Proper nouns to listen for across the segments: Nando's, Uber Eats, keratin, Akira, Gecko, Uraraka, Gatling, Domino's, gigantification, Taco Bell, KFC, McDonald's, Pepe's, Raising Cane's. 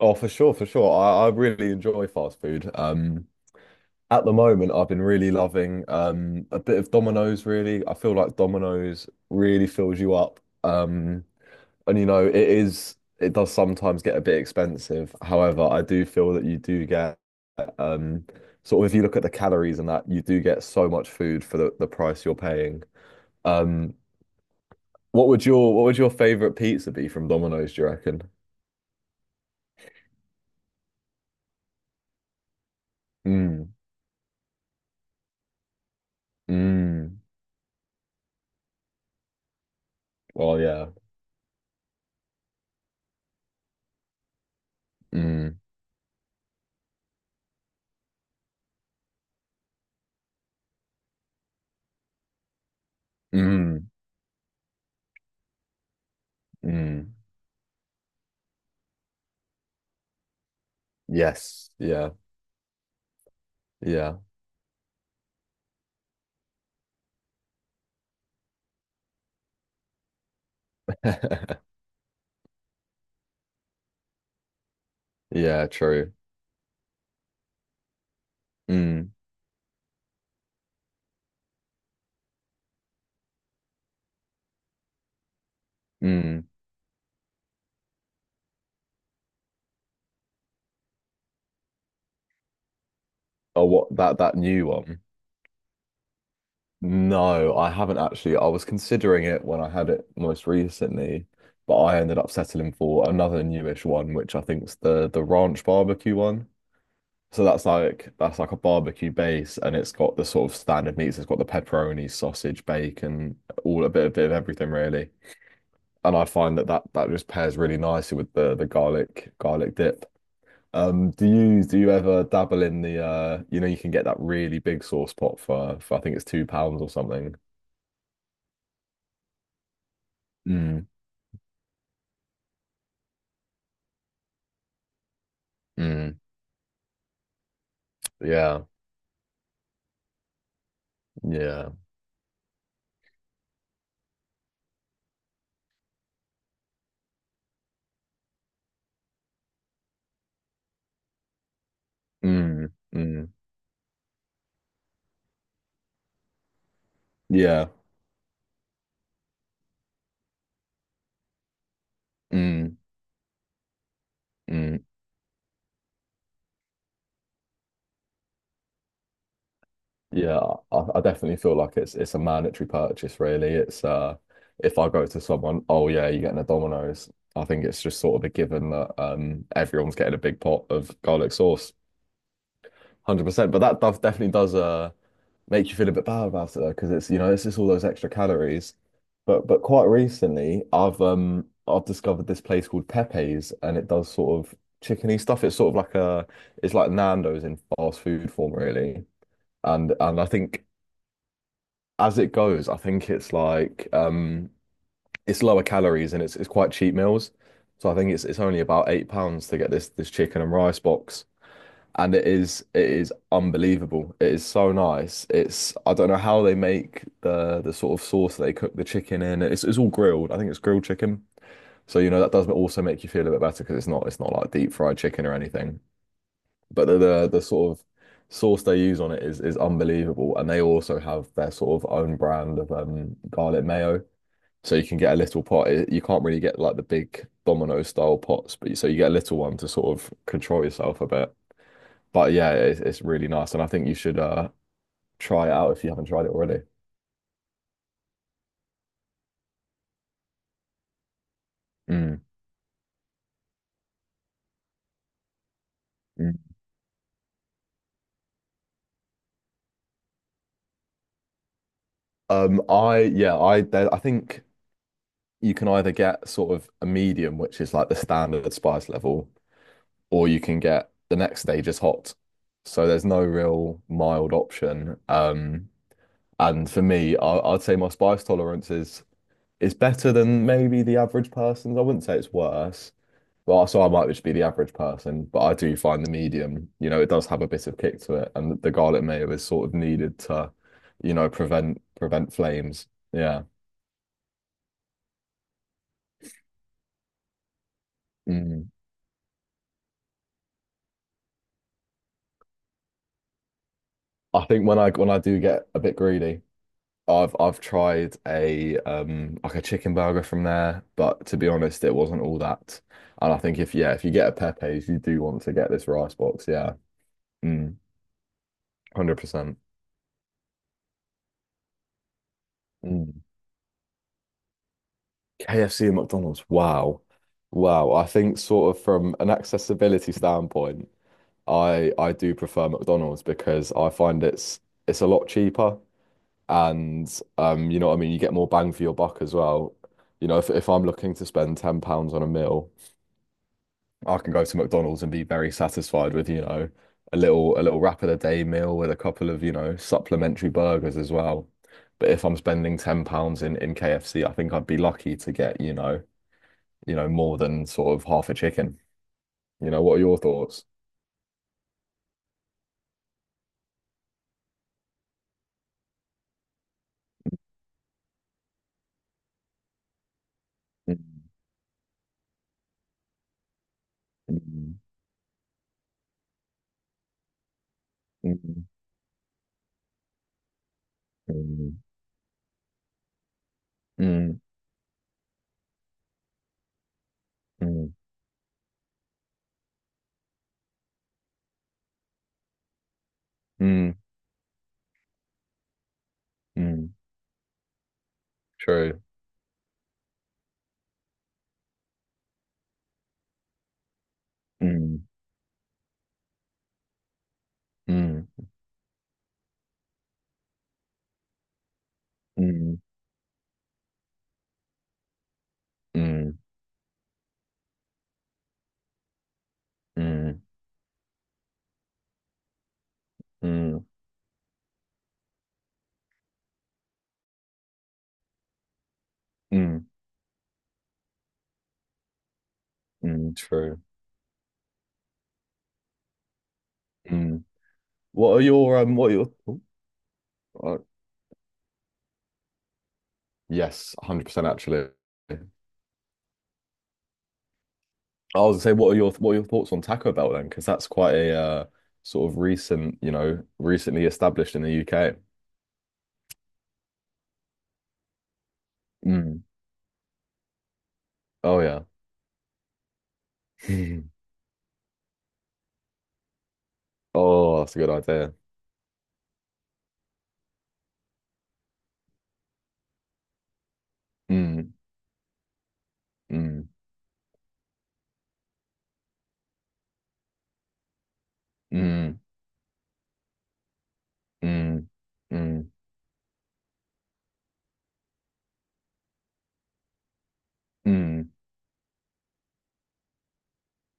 Oh, for sure, for sure. I really enjoy fast food. At the moment, I've been really loving a bit of Domino's, really. I feel like Domino's really fills you up. Um, and you know, it is it does sometimes get a bit expensive. However, I do feel that you do get um sort of if you look at the calories and that, you do get so much food for the price you're paying. Um, what would your favorite pizza be from Domino's, do you reckon? Mm, mm. Well, yeah. Mm. Mm, mm. Yes. Yeah. Yeah. Yeah, true. Mm, mm. Oh, what, that new one? No, I haven't actually. I was considering it when I had it most recently, but I ended up settling for another newish one, which I think's the ranch barbecue one. So that's like, that's like a barbecue base, and it's got the sort of standard meats. It's got the pepperoni, sausage, bacon, all a bit, of everything really. And I find that just pairs really nicely with the garlic dip. Do you ever dabble in the you know, you can get that really big sauce pot for I think it's £2 or something. Mm, mm, yeah, yeah, mm, mm, yeah, mm, mm, yeah. I definitely feel like it's a mandatory purchase, really. It's if I go to someone, oh yeah, you're getting a Domino's. I think it's just sort of a given that, everyone's getting a big pot of garlic sauce. 100%, but that does definitely does make you feel a bit bad about it though, because it's it's just all those extra calories. But, quite recently, I've discovered this place called Pepe's, and it does sort of chickeny stuff. It's sort of like a, it's like Nando's in fast food form, really. And, I think as it goes, I think it's like, it's lower calories, and it's quite cheap meals. So I think it's only about £8 to get this chicken and rice box, and it is unbelievable. It is so nice. It's, I don't know how they make the sort of sauce they cook the chicken in. It's all grilled. I think it's grilled chicken. So you know that does also make you feel a bit better because it's not like deep fried chicken or anything. But the sort of sauce they use on it is unbelievable. And they also have their sort of own brand of garlic mayo. So you can get a little pot. It- You can't really get like the big Domino style pots, but you- so you get a little one to sort of control yourself a bit. But yeah, it's really nice, and I think you should try it out if you haven't tried it already. Mm. Mm. I yeah, I there, I think you can either get sort of a medium, which is like the standard spice level, or you can get the next stage is hot. So there's no real mild option. And for me, I'd say my spice tolerance is better than maybe the average person's. I wouldn't say it's worse. Well, so I might just be the average person, but I do find the medium, you know, it does have a bit of kick to it, and the garlic mayo is sort of needed to, you know, prevent flames. Yeah. Mm. I think when I do get a bit greedy, I've tried a like a chicken burger from there, but to be honest, it wasn't all that. And I think, if you get a Pepe's, you do want to get this rice box. Yeah. Mm. 100%. Mm. KFC and McDonald's. Wow. Wow. I think sort of from an accessibility standpoint, I do prefer McDonald's because I find it's a lot cheaper, and you know what I mean, you get more bang for your buck as well. You know, if I'm looking to spend £10 on a meal, I can go to McDonald's and be very satisfied with, you know, a little wrap of the day meal with a couple of, you know, supplementary burgers as well. But if I'm spending £10 in KFC, I think I'd be lucky to get, you know, more than sort of half a chicken. You know, what are your thoughts? Mm, mm, mm, mm, mm, mm, mm. True. Mm, mm, mm, mm, mm, mm, mm, mm. True. Mm. What are your? Uh, yes, 100%. Actually, I was gonna say, what are your thoughts on Taco Bell then? Because that's quite a, sort of recent, you know, recently established in the UK. Mm. Oh yeah. Oh, that's a good idea. Hum, mm, mm, mm, mm, mm,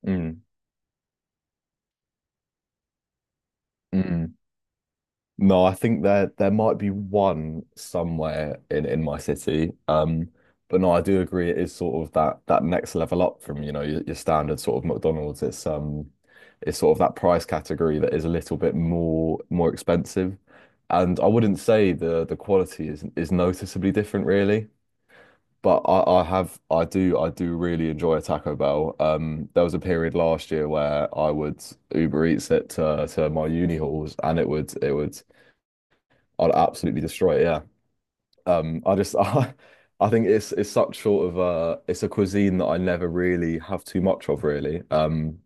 mm, mm. No, I think there, might be one somewhere in my city. But no, I do agree it is sort of that next level up from, you know, your standard sort of McDonald's. It's, it's sort of that price category that is a little bit more expensive. And I wouldn't say the quality is noticeably different really. But I do really enjoy a Taco Bell. There was a period last year where I would Uber Eats it to my uni halls, and it would, I'd absolutely destroy it. Yeah. I just I think it's such sort of it's a cuisine that I never really have too much of really.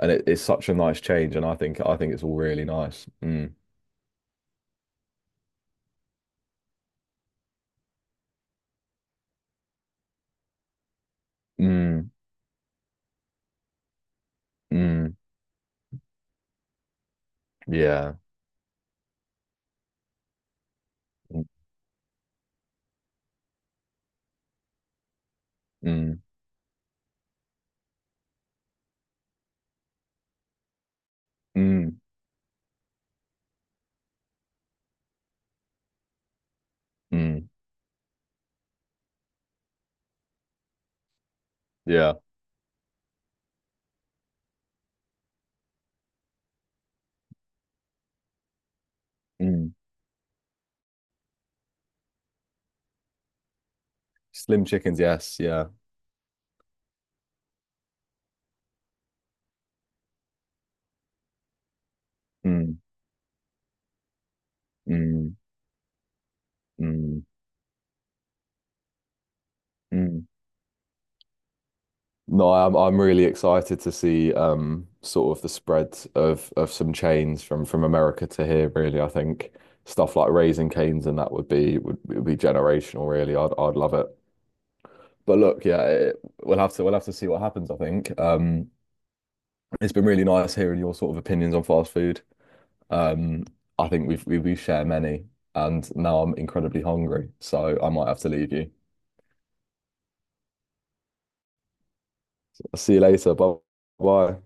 And it's such a nice change, and I think it's all really nice. Mm, mm, mm, yeah. Mm, mm, mm, mm, yeah. Mm. Slim chickens, yes, yeah. Mm. Mm, mm, mm. No, I'm really excited to see sort of the spread of some chains from, America to here, really. I think stuff like Raising Cane's and that would be, would be generational, really. I'd love it. But look, yeah, it, we'll have to, see what happens, I think. Um, it's been really nice hearing your sort of opinions on fast food. Um, I think we share many, and now I'm incredibly hungry, so I might have to leave you. I'll see you later. Bye bye.